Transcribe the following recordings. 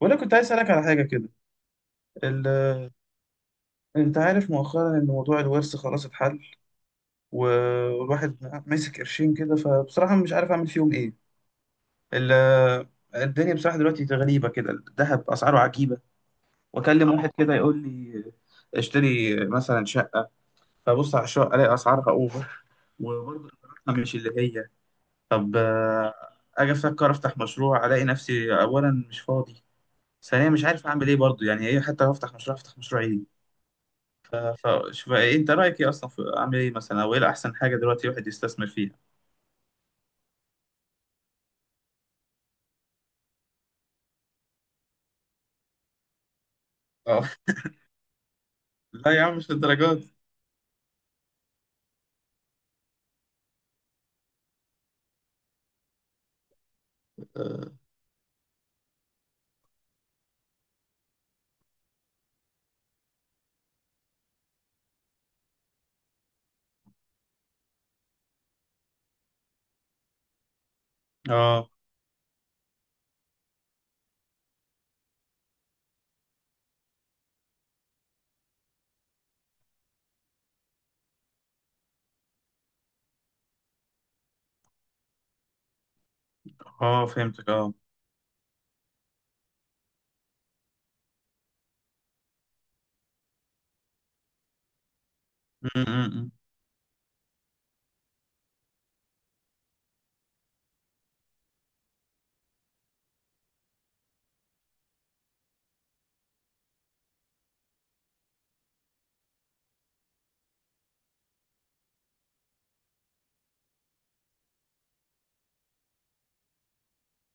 وانا كنت عايز اسالك على حاجه كده. ال... انت عارف مؤخرا ان موضوع الورث خلاص اتحل، والواحد ماسك قرشين كده، فبصراحه مش عارف اعمل فيهم ايه. ال... الدنيا بصراحه دلوقتي غريبه كده، الذهب اسعاره عجيبه. واكلم واحد كده يقول لي اشتري مثلا شقه، فبص على الشقه الاقي اسعارها اوفر، وبرضه اسعارها مش اللي هي. طب اجي افكر افتح مشروع الاقي نفسي اولا مش فاضي، ثانيا مش عارف اعمل ايه برضه، يعني ايه حتى لو افتح مشروع افتح مشروع ايه؟ فشوف إيه انت رايك ايه اصلا، في اعمل ايه مثلا او ايه احسن حاجه دلوقتي الواحد يستثمر فيها؟ اه. لا يا عم مش للدرجات. اه اه. فهمتك اه. م- م- م.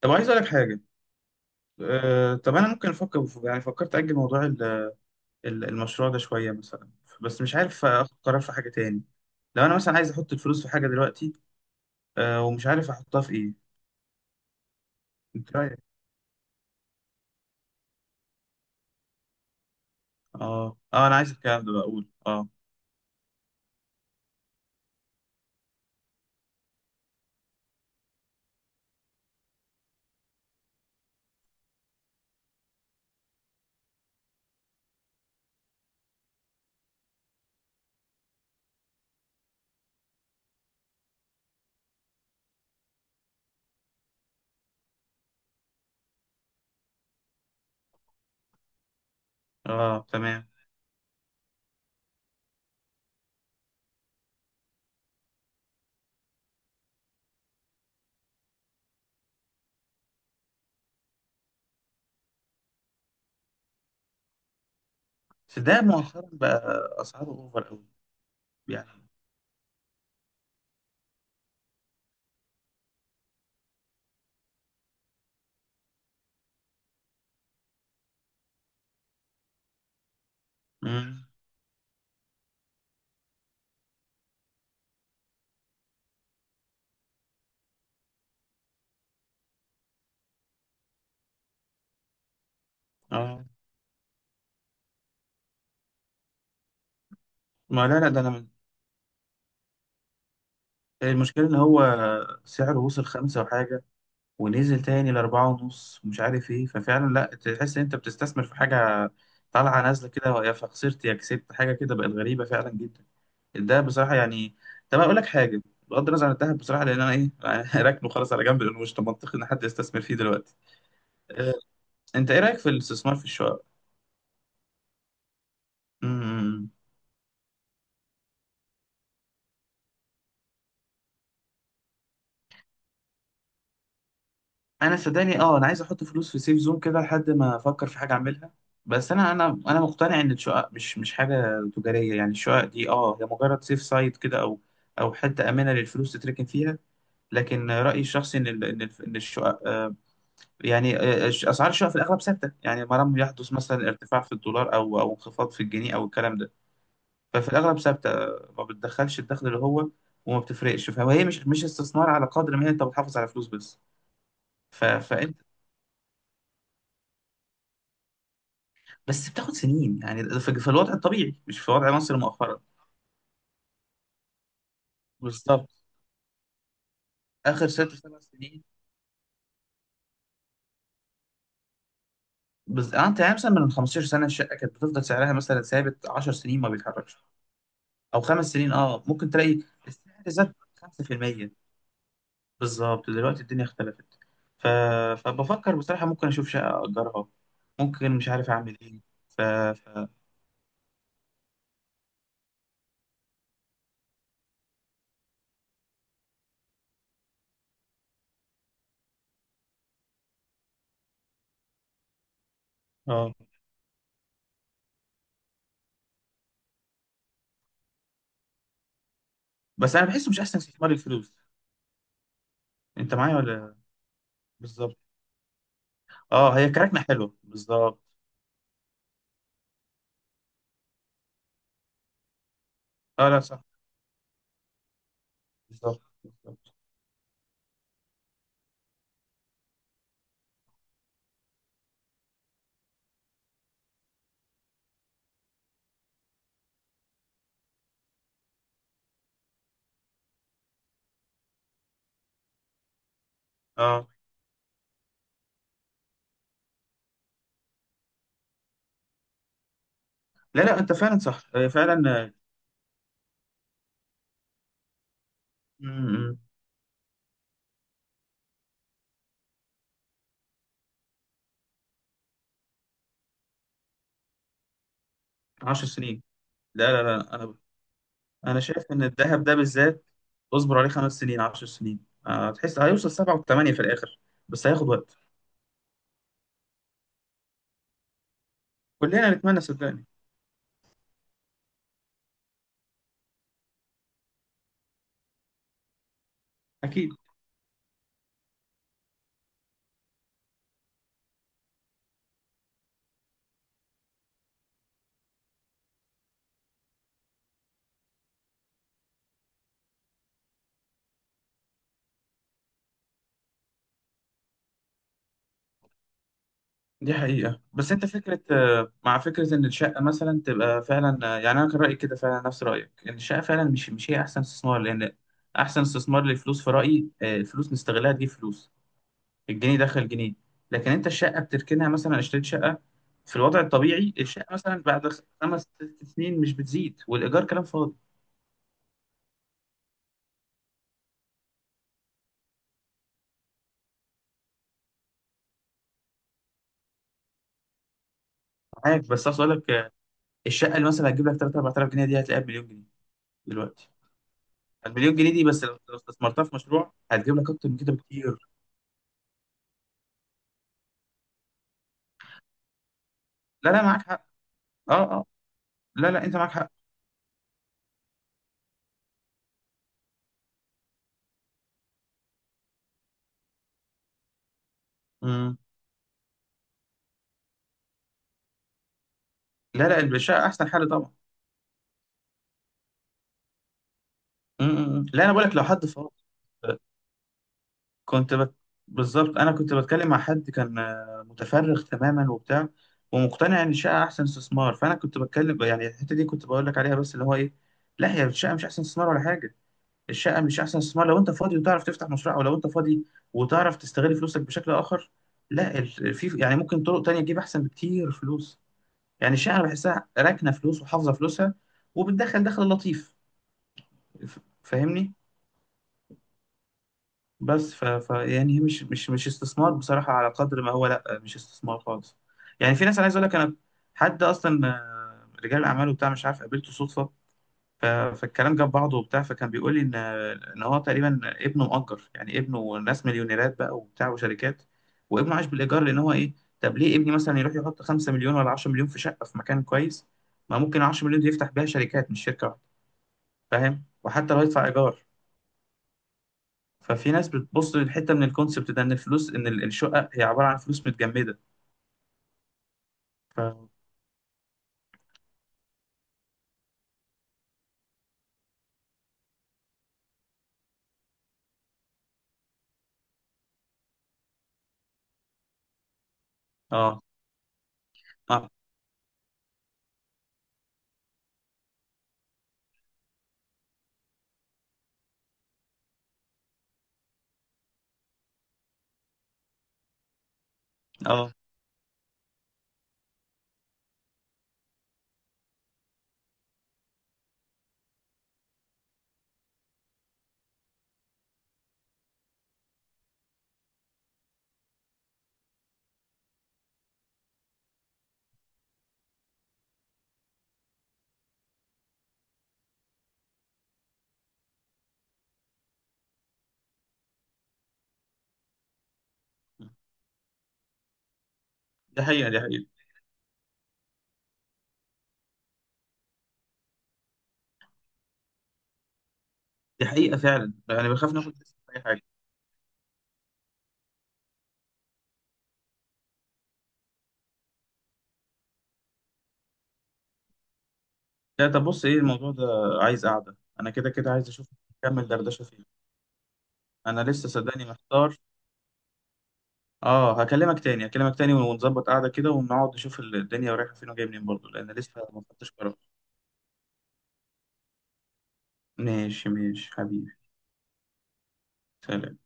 طب عايز اقول لك حاجه. طب انا ممكن افكر، يعني فكرت اجل موضوع المشروع ده شويه مثلا، بس مش عارف اخد قرار في حاجه تاني. لو انا مثلا عايز احط الفلوس في حاجه دلوقتي ومش عارف احطها في ايه. انت رايك؟ اه اه، انا عايز الكلام ده بقى اقول اه. اه تمام. بس ده مؤخرا بقى اسعاره اوفر قوي. يعني. مم. اه. ما لا لا المشكله ان هو سعره وصل 5 وحاجه ونزل تاني لـ4 ونص ومش عارف ايه. ففعلا لا تحس ان انت بتستثمر في حاجه، طالعه نازله كده، يا فخسرت يا كسبت، حاجه كده بقت غريبه فعلا جدا الدهب بصراحه يعني. طب اقول لك حاجه، بغض النظر عن الدهب بصراحه، لان انا ايه راكنه خلاص على جنب لانه مش منطقي ان حد يستثمر فيه دلوقتي. آه، انت ايه رايك في الاستثمار في الشقق؟ إمم، إمم، إمم. انا صدقني اه انا عايز احط فلوس في سيف زون كده لحد ما افكر في حاجه اعملها. بس انا مقتنع ان الشقق مش حاجه تجاريه، يعني الشقق دي اه هي مجرد سيف سايت كده، او حته امنه للفلوس تتركن فيها. لكن رايي الشخصي ان الشقق يعني اسعار الشقق في الاغلب ثابته، يعني ما لم يحدث مثلا ارتفاع في الدولار او انخفاض في الجنيه او الكلام ده. ففي الاغلب ثابته، ما بتدخلش الدخل اللي هو، وما بتفرقش، فهي مش استثمار على قدر ما هي انت بتحافظ على فلوس بس. فانت بس بتاخد سنين، يعني ده في الوضع الطبيعي، مش في وضع مصر مؤخرا. بالظبط، اخر 6 7 سنين. بس انت يعني مثلا من 15 سنه الشقه كانت بتفضل سعرها مثلا ثابت 10 سنين ما بيتحركش، او 5 سنين اه ممكن تلاقي السعر زاد 5%. بالظبط دلوقتي الدنيا اختلفت. ف... فبفكر بصراحه ممكن اشوف شقه اجرها، ممكن مش عارف اعمل ايه. ف... ف... اه. بس انا بحسه مش احسن استثمار الفلوس، انت معايا ولا؟ بالظبط. اه هي كركنه حلوه بالظبط. اه لا صح. بالظبط. اه لا لا انت فعلا صح، فعلا. م- م- عشر سنين. لا لا لا، انا شايف ان الذهب ده بالذات اصبر عليه 5 سنين 10 سنين، تحس هيوصل 7 و8 في الاخر، بس هياخد وقت. كلنا نتمنى صدقني. اكيد. دي حقيقة. بس انت فكرة مع فكرة ان الشقة مثلا تبقى فعلا، يعني انا كان رأيي كده فعلا نفس رأيك، ان الشقة فعلا مش هي احسن استثمار، لان احسن استثمار للفلوس في رأيي الفلوس نستغلها تجيب فلوس، الجنيه دخل جنيه. لكن انت الشقه بتركنها، مثلا اشتريت شقه في الوضع الطبيعي الشقه مثلا بعد 5 6 سنين مش بتزيد، والايجار كلام فاضي. معاك، بس عايز اقول لك الشقه اللي مثلا هتجيب لك 3 4,000 جنيه دي هتلاقيها بمليون جنيه دلوقتي. المليون جنيه دي بس لو استثمرتها في مشروع هتجيب لك اكتر من كده بكتير. لا لا معاك حق. اه اه. لا لا انت معاك حق. مم. لا لا الشقه احسن حل طبعا. مم. مم. لا انا بقول لك لو حد فاضي كنت بت... بالظبط انا كنت بتكلم مع حد كان متفرغ تماما وبتاع، ومقتنع ان الشقه احسن استثمار، فانا كنت بتكلم يعني الحته دي كنت بقول لك عليها، بس اللي هو ايه، لا هي الشقه مش احسن استثمار ولا حاجه. الشقه مش احسن استثمار لو انت فاضي وتعرف تفتح مشروع، او لو انت فاضي وتعرف تستغل فلوسك بشكل اخر. لا في يعني ممكن طرق تانية تجيب احسن بكتير فلوس. يعني الشقه أنا بحسها راكنه فلوس وحافظه فلوسها، وبتدخل دخل لطيف، فاهمني. بس ف... ف يعني هي مش استثمار بصراحة، على قدر ما هو لا مش استثمار خالص. يعني في ناس، انا عايز اقول لك، انا حد اصلا رجال اعمال وبتاع، مش عارف قابلته صدفة. فالكلام جاب بعضه وبتاع، فكان بيقول لي ان هو تقريبا ابنه مؤجر، يعني ابنه ناس مليونيرات بقى وبتاع وشركات، وابنه عايش بالايجار، لان هو ايه، طب ليه ابني مثلا يروح يحط 5 مليون ولا 10 مليون في شقة في مكان كويس، ما ممكن 10 مليون دي يفتح بيها شركات مش شركة واحدة. فاهم؟ وحتى لو يدفع ايجار. ففي ناس بتبص للحته من الكونسبت ده، ان الفلوس، ان الشقه هي عباره عن فلوس متجمده. ف اه اه اه. دي حقيقه. دي حقيقه. دي حقيقه فعلا، انا بخاف ناخد ريسك في اي حاجه. لا طب بص ايه الموضوع ده، عايز قعده انا كده كده، عايز اشوف نكمل دردشه فيه. انا لسه صدقني محتار. اه هكلمك تاني هكلمك تاني ونظبط قعده كده ونقعد نشوف الدنيا رايحه فين وجايه منين، برضه لان لسه ما خدتش قرار. ماشي ماشي حبيبي. سلام.